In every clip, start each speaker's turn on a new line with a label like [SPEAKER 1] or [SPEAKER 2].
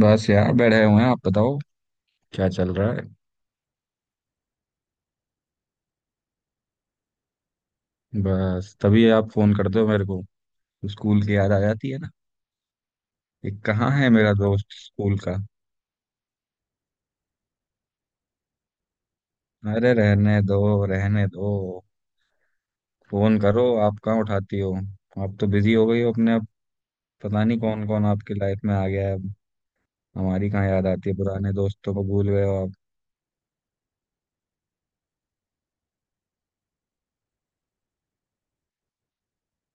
[SPEAKER 1] बस यार बैठे हुए हैं। आप बताओ क्या चल रहा है। बस तभी आप फोन करते हो मेरे को, स्कूल की याद आ जाती है ना। ये कहाँ है मेरा दोस्त स्कूल का। अरे रहने दो रहने दो। फोन करो आप कहाँ उठाती हो, आप तो बिजी हो गई हो अपने अब। पता नहीं कौन कौन आपकी लाइफ में आ गया है अब। हमारी कहाँ याद आती है, पुराने दोस्तों को भूल गए हो आप।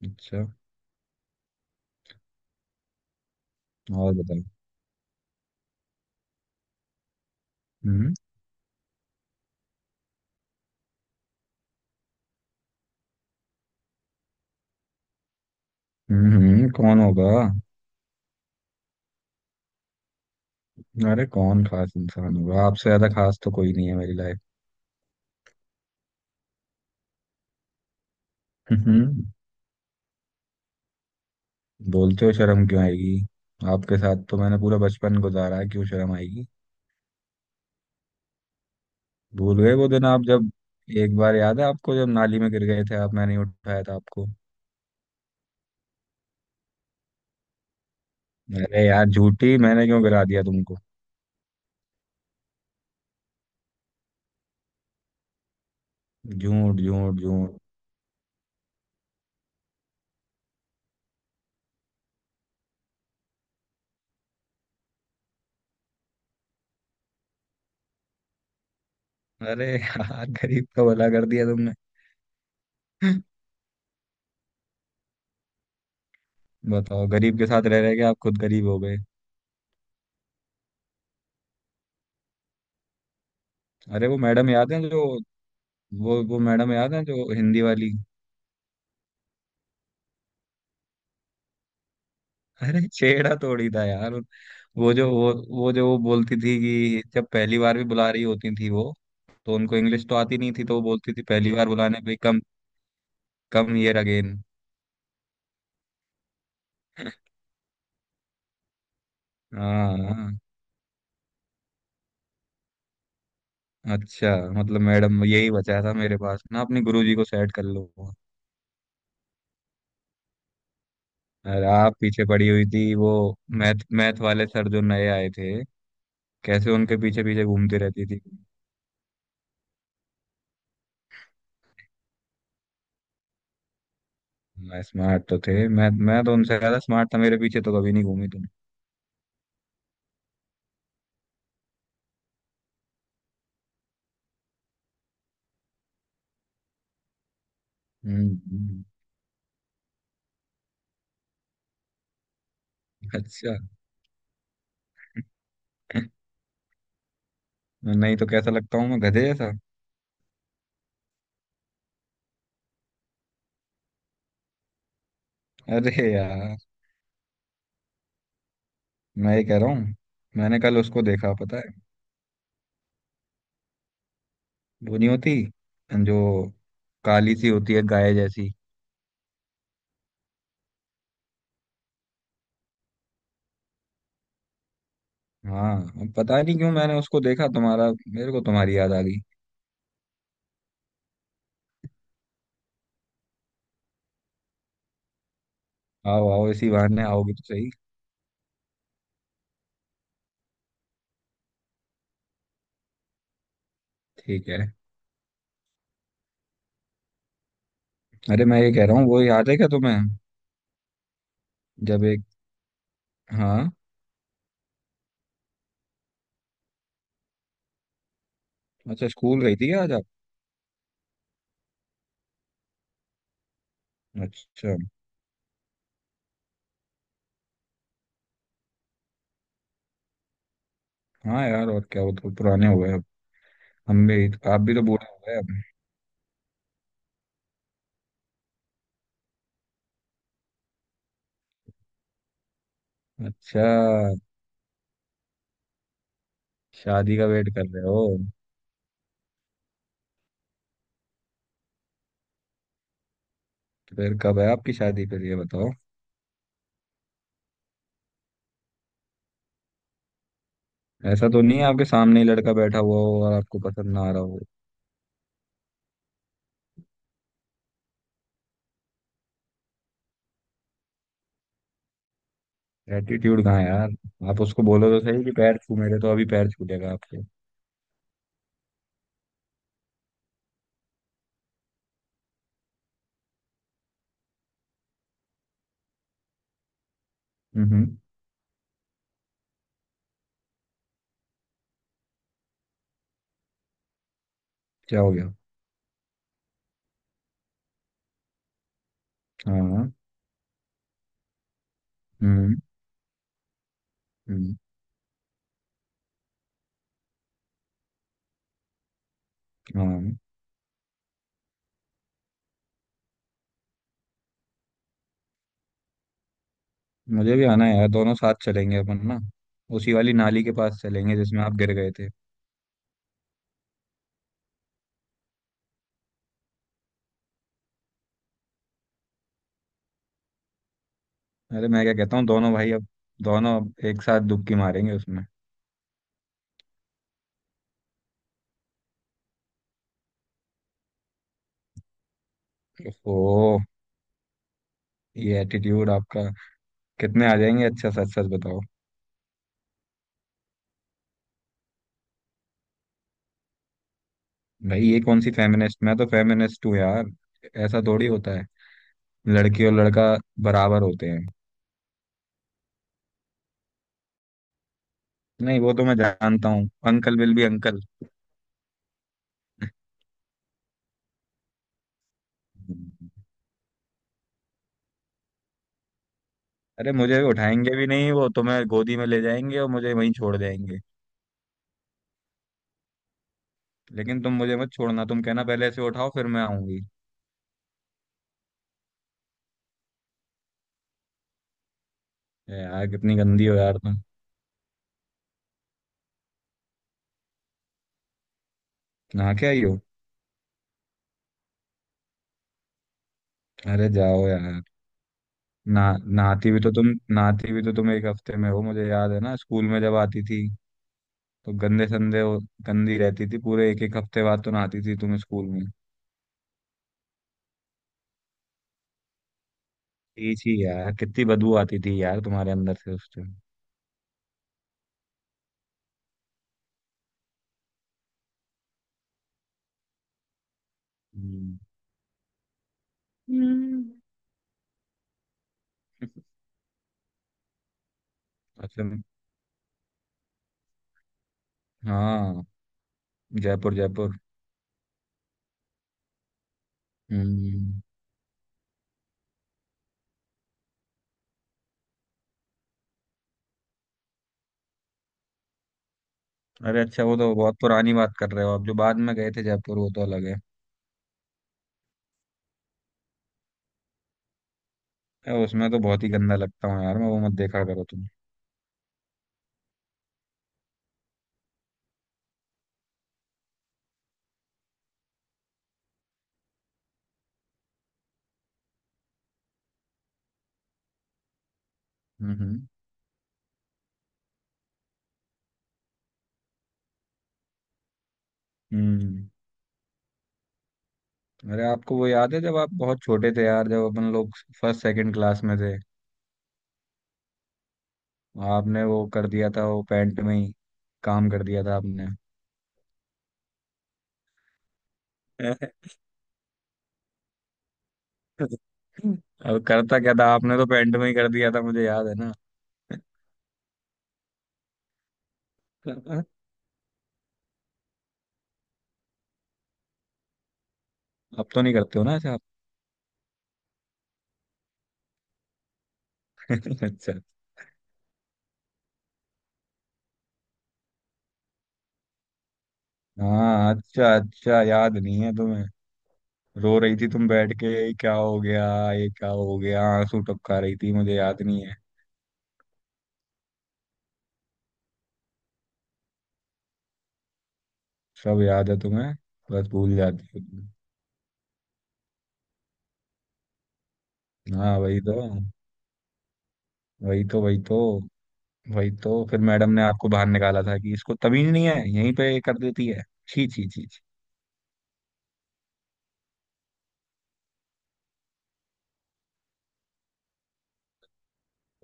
[SPEAKER 1] अच्छा। और बताओ। हम्म कौन होगा। अरे कौन खास इंसान होगा, आपसे ज्यादा खास तो कोई नहीं है मेरी लाइफ। हम्म हम्म। बोलते हो शर्म क्यों आएगी। आपके साथ तो मैंने पूरा बचपन गुजारा है, क्यों शर्म आएगी। भूल गए वो दिन आप जब, एक बार याद है आपको जब नाली में गिर गए थे आप, मैंने ही उठाया था आपको। अरे यार झूठी, मैंने क्यों गिरा दिया तुमको। झूठ झूठ झूठ। अरे यार गरीब का भला कर दिया तुमने। बताओ गरीब के साथ रह रह के आप खुद गरीब हो गए। अरे वो मैडम याद है जो, वो मैडम याद है जो हिंदी वाली। अरे छेड़ा थोड़ी था यार। वो जो वो वो जो वो बोलती थी कि जब पहली बार भी बुला रही होती थी वो। तो उनको इंग्लिश तो आती नहीं थी, तो वो बोलती थी पहली बार बुलाने पे कम, कम हियर अगेन। हाँ हाँ, अच्छा। मतलब मैडम यही बचा था मेरे पास ना, अपने गुरुजी को सेट कर लो। अरे आप पीछे पड़ी हुई थी वो मैथ मैथ वाले सर जो नए आए थे। कैसे उनके पीछे पीछे घूमती रहती थी। मैं स्मार्ट तो थे, मैं तो उनसे ज्यादा स्मार्ट था, मेरे पीछे तो कभी नहीं घूमी तुम। हम्म हम्म, अच्छा। नहीं तो कैसा लगता हूँ मैं, गधे जैसा। अरे यार मैं ये कह रहा हूँ। मैंने कल उसको देखा पता है। वो नहीं होती जो, काली सी होती है गाय जैसी। हाँ। अब पता नहीं क्यों मैंने उसको देखा, तुम्हारा मेरे को तुम्हारी याद आ गई। आओ आओ, इसी बहाने आओगी तो सही। ठीक है। अरे मैं ये कह रहा हूँ, वो याद है क्या तुम्हें जब एक, हाँ। अच्छा स्कूल गई थी क्या आज आप। अच्छा। हाँ यार, और क्या, वो तो पुराने हो गए अब। हम भी आप भी तो बूढ़े हो गए अब। अच्छा। शादी का वेट कर रहे हो। फिर कब है आपकी शादी, फिर ये बताओ। ऐसा तो नहीं है आपके सामने ही लड़का बैठा हुआ हो और आपको पसंद ना आ रहा हो। एटीट्यूड कहाँ है यार। आप उसको बोलो तो सही कि पैर छू मेरे, तो अभी पैर छूटेगा आपके। हम्म। क्या हो गया। हाँ। हम्म। हम्म। हाँ। मुझे भी आना है यार, दोनों साथ चलेंगे अपन ना। उसी वाली नाली के पास चलेंगे जिसमें आप गिर गए थे। अरे मैं क्या कहता हूँ दोनों भाई अब, दोनों अब एक साथ डुबकी मारेंगे उसमें। ओह। ये एटीट्यूड आपका। कितने आ जाएंगे, अच्छा सच सच बताओ। भाई ये कौन सी फेमिनिस्ट, मैं तो फेमिनिस्ट हूँ यार। ऐसा थोड़ी होता है। लड़की और लड़का बराबर होते हैं। नहीं वो तो मैं जानता हूँ, अंकल विल भी अंकल। अरे मुझे भी उठाएंगे भी नहीं, वो तुम्हें गोदी में ले जाएंगे और मुझे वहीं छोड़ जाएंगे। लेकिन तुम मुझे मत छोड़ना, तुम कहना पहले इसे उठाओ फिर मैं आऊंगी। ए यार कितनी गंदी हो यार तुम। नहा के आई हो। अरे जाओ यार। ना नहाती भी तो तुम, नहाती भी तो तुम एक हफ्ते में हो, मुझे याद है ना स्कूल में जब आती थी तो गंदे संदे वो, गंदी रहती थी पूरे एक एक हफ्ते बाद तो नहाती थी तुम स्कूल में। ठीक ही यार, कितनी बदबू आती थी यार तुम्हारे अंदर से उस टाइम। हम्म। हम्म। अच्छा। हाँ, जयपुर जयपुर। हम्म। अरे अच्छा वो तो बहुत पुरानी बात कर रहे हो, अब जो बाद में गए थे जयपुर वो तो अलग है। ए, उसमें तो बहुत ही गंदा लगता हूँ यार मैं, वो मत देखा करो तुम। हम्म हम्म हम्म। अरे आपको वो याद है जब आप बहुत छोटे थे यार, जब अपन लोग फर्स्ट सेकंड क्लास में थे, आपने वो कर दिया था वो पैंट में ही, काम कर दिया था आपने। अब करता क्या था, आपने तो पैंट में ही कर दिया था मुझे याद है ना। अब तो नहीं करते हो ना ऐसा आप। अच्छा। हाँ अच्छा अच्छा, याद नहीं है तुम्हें। रो रही थी तुम बैठ के, "ये क्या हो गया, ये क्या हो गया", आंसू टपका रही थी, मुझे याद नहीं है। सब याद है तुम्हें, बस भूल जाती हो तुम। हाँ वही तो वही तो वही तो, वही तो फिर मैडम ने आपको बाहर निकाला था कि इसको तमीज नहीं है यहीं पे कर देती है। छी छी छी छी।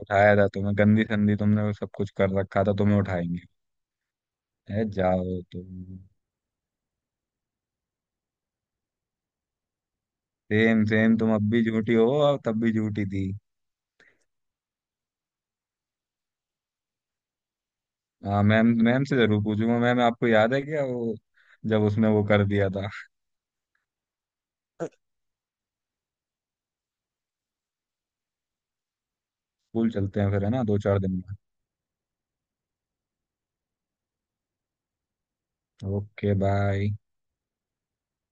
[SPEAKER 1] उठाया था तुम्हें गंदी संदी, तुमने वो सब कुछ कर रखा था, तुम्हें उठाएंगे। ए जाओ तुम। सेम सेम, तुम अब भी झूठी हो और तब भी झूठी थी। हाँ मैम, मैम से जरूर पूछूंगा, मैम आपको याद है क्या वो जब उसने वो कर दिया था। स्कूल चलते हैं फिर है ना, दो चार दिन में। Okay bye.